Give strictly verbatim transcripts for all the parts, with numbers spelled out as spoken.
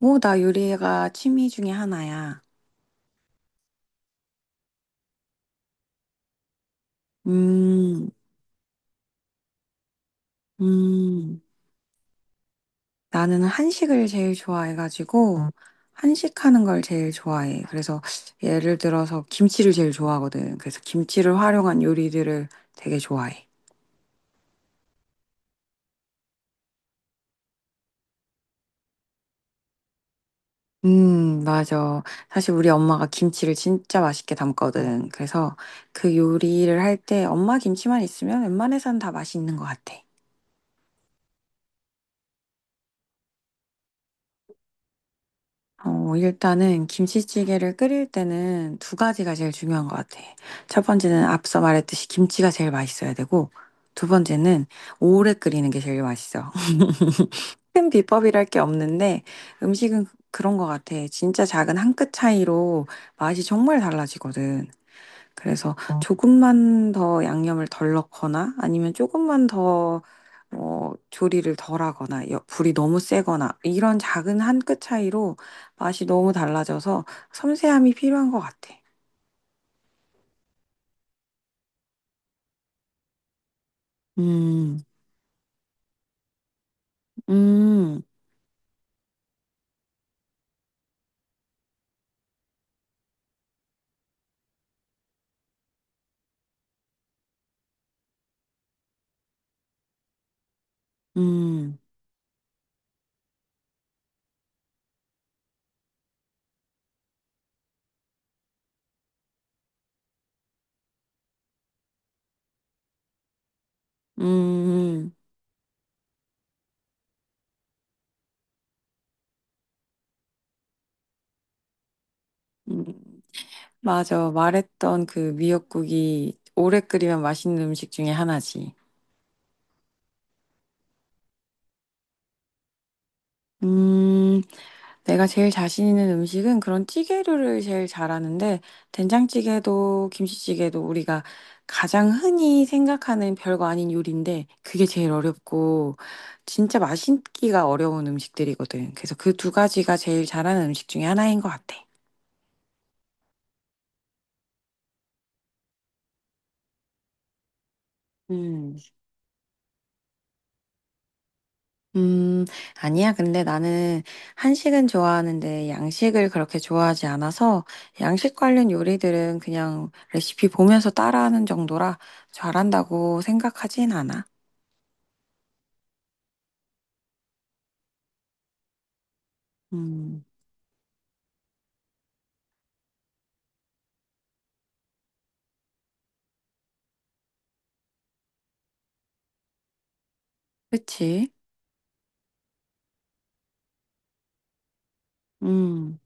오, 나 요리가 취미 중에 하나야. 음, 음, 나는 한식을 제일 좋아해가지고, 한식하는 걸 제일 좋아해. 그래서 예를 들어서 김치를 제일 좋아하거든. 그래서 김치를 활용한 요리들을 되게 좋아해. 음, 맞아. 사실 우리 엄마가 김치를 진짜 맛있게 담거든. 그래서 그 요리를 할 때 엄마 김치만 있으면 웬만해선 다 맛있는 것 같아. 어, 일단은 김치찌개를 끓일 때는 두 가지가 제일 중요한 것 같아. 첫 번째는 앞서 말했듯이 김치가 제일 맛있어야 되고, 두 번째는 오래 끓이는 게 제일 맛있어. 큰 비법이랄 게 없는데 음식은 그런 것 같아. 진짜 작은 한 끗 차이로 맛이 정말 달라지거든. 그래서 조금만 더 양념을 덜 넣거나 아니면 조금만 더 어, 조리를 덜 하거나 여- 불이 너무 세거나 이런 작은 한 끗 차이로 맛이 너무 달라져서 섬세함이 필요한 것 같아. 음, 음, 음, 음, 음. 맞아. 말했던 그 미역국이 오래 끓이면 맛있는 음식 중에 하나지. 음, 내가 제일 자신 있는 음식은 그런 찌개류를 제일 잘하는데, 된장찌개도 김치찌개도 우리가 가장 흔히 생각하는 별거 아닌 요리인데, 그게 제일 어렵고, 진짜 맛있기가 어려운 음식들이거든. 그래서 그 두 가지가 제일 잘하는 음식 중에 하나인 것 같아. 음. 음, 아니야. 근데 나는 한식은 좋아하는데 양식을 그렇게 좋아하지 않아서 양식 관련 요리들은 그냥 레시피 보면서 따라하는 정도라 잘한다고 생각하진 않아. 음, 그치? 음,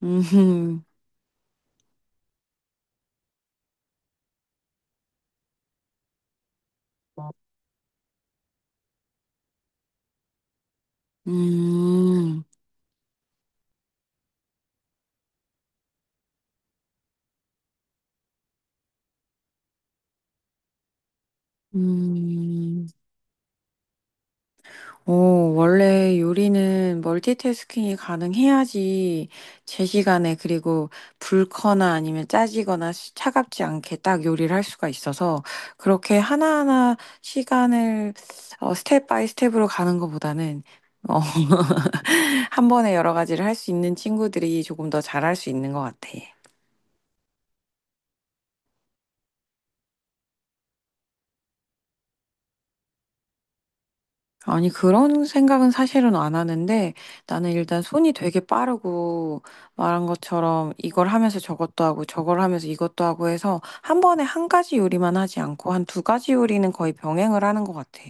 음, 음, 음. 오, 원래 요리는 멀티태스킹이 가능해야지 제 시간에 그리고 불거나 아니면 짜지거나 시- 차갑지 않게 딱 요리를 할 수가 있어서 그렇게 하나하나 시간을 어, 스텝 바이 스텝으로 가는 것보다는 어, 한 번에 여러 가지를 할 수 있는 친구들이 조금 더 잘할 수 있는 것 같아. 아니, 그런 생각은 사실은 안 하는데 나는 일단 손이 되게 빠르고 말한 것처럼 이걸 하면서 저것도 하고 저걸 하면서 이것도 하고 해서 한 번에 한 가지 요리만 하지 않고 한 두 가지 요리는 거의 병행을 하는 것 같아.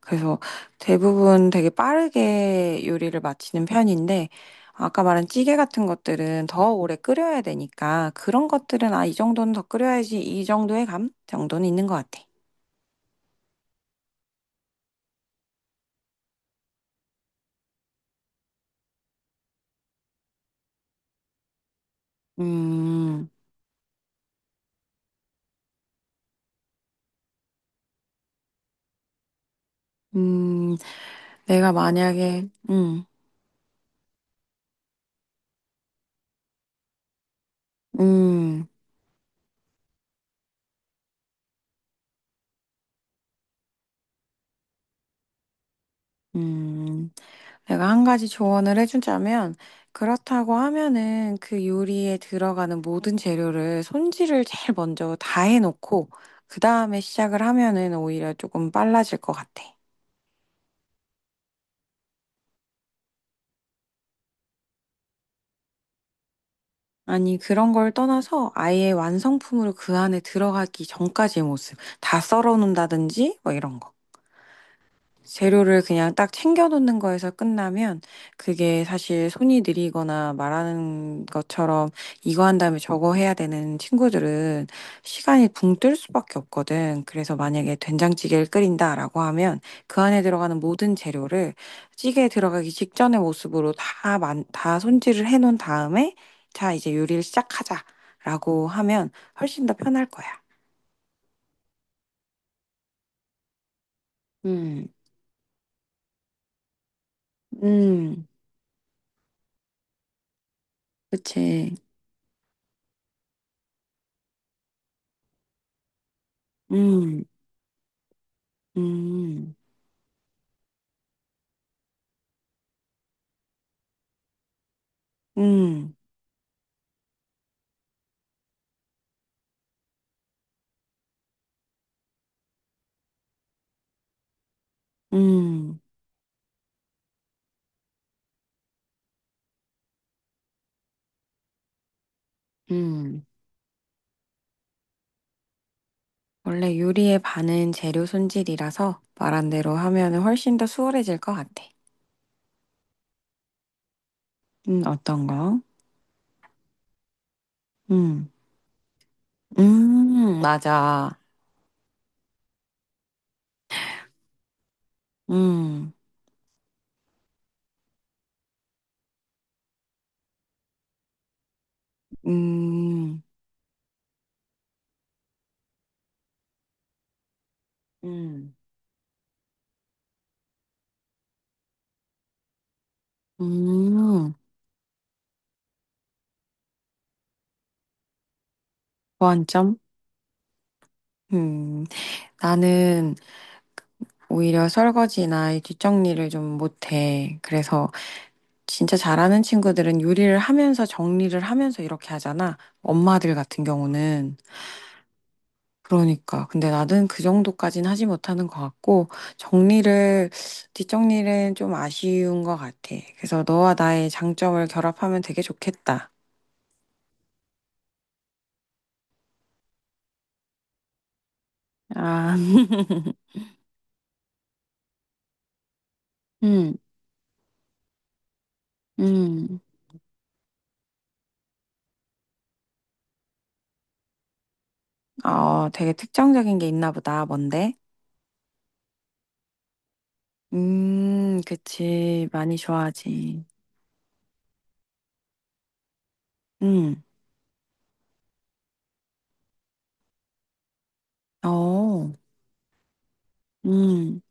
그래서 대부분 되게 빠르게 요리를 마치는 편인데 아까 말한 찌개 같은 것들은 더 오래 끓여야 되니까 그런 것들은 아, 이 정도는 더 끓여야지 이 정도의 감 정도는 있는 것 같아. 음. 음, 내가 만약에, 음, 음, 음, 내가 한 가지 조언을 해주자면, 그렇다고 하면은 그 요리에 들어가는 모든 재료를 손질을 제일 먼저 다 해놓고, 그 다음에 시작을 하면은 오히려 조금 빨라질 것 같아. 아니, 그런 걸 떠나서 아예 완성품으로 그 안에 들어가기 전까지의 모습, 다 썰어 놓는다든지, 뭐 이런 거. 재료를 그냥 딱 챙겨 놓는 거에서 끝나면 그게 사실 손이 느리거나 말하는 것처럼 이거 한 다음에 저거 해야 되는 친구들은 시간이 붕 뜰 수밖에 없거든. 그래서 만약에 된장찌개를 끓인다라고 하면 그 안에 들어가는 모든 재료를 찌개에 들어가기 직전의 모습으로 다, 만, 다 손질을 해 놓은 다음에 자, 이제 요리를 시작하자라고 하면 훨씬 더 편할 거야. 음, 음, 그치. 음, 음. 음, 음, 음. 원래 요리의 반은 재료 손질이라서 말한 대로 하면 훨씬 더 수월해질 것 같아. 음, 어떤 거? 음, 음, 맞아. 음, 음, 음, 음. 보완점? 음, 나는 오히려 설거지나 이 뒷정리를 좀 못해. 그래서 진짜 잘하는 친구들은 요리를 하면서 정리를 하면서 이렇게 하잖아. 엄마들 같은 경우는. 그러니까. 근데 나는 그 정도까진 하지 못하는 것 같고, 정리를, 뒷정리는 좀 아쉬운 것 같아. 그래서 너와 나의 장점을 결합하면 되게 좋겠다. 아, 음, 음. 어, 되게 특정적인 게 있나 보다. 뭔데? 음, 그치. 많이 좋아하지. 음, 어, 음.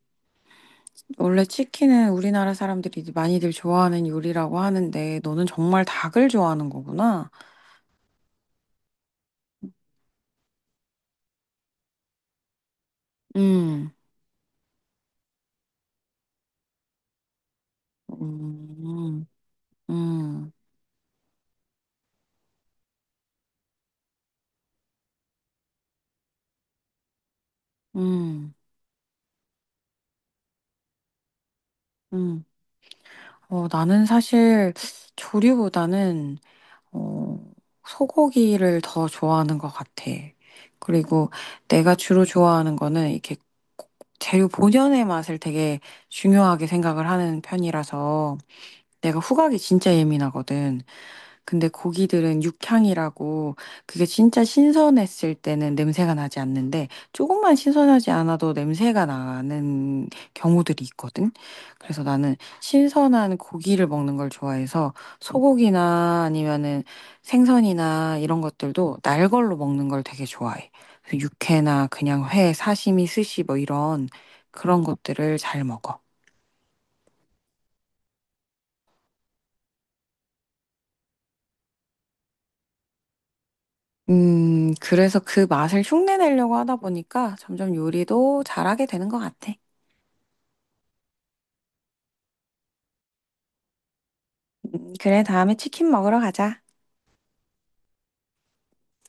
원래 치킨은 우리나라 사람들이 많이들 좋아하는 요리라고 하는데, 너는 정말 닭을 좋아하는 거구나. 음, 음. 음, 음, 음. 어, 나는 사실 조류보다는 어, 소고기를 더 좋아하는 것 같아. 그리고 내가 주로 좋아하는 거는 이렇게 재료 본연의 맛을 되게 중요하게 생각을 하는 편이라서 내가 후각이 진짜 예민하거든. 근데 고기들은 육향이라고 그게 진짜 신선했을 때는 냄새가 나지 않는데 조금만 신선하지 않아도 냄새가 나는 경우들이 있거든. 그래서 나는 신선한 고기를 먹는 걸 좋아해서 소고기나 아니면은 생선이나 이런 것들도 날 걸로 먹는 걸 되게 좋아해. 그래서 육회나 그냥 회, 사시미, 스시 뭐 이런 그런 것들을 잘 먹어. 음, 그래서 그 맛을 흉내 내려고 하다 보니까 점점 요리도 잘하게 되는 것 같아. 음, 그래, 다음에 치킨 먹으러 가자.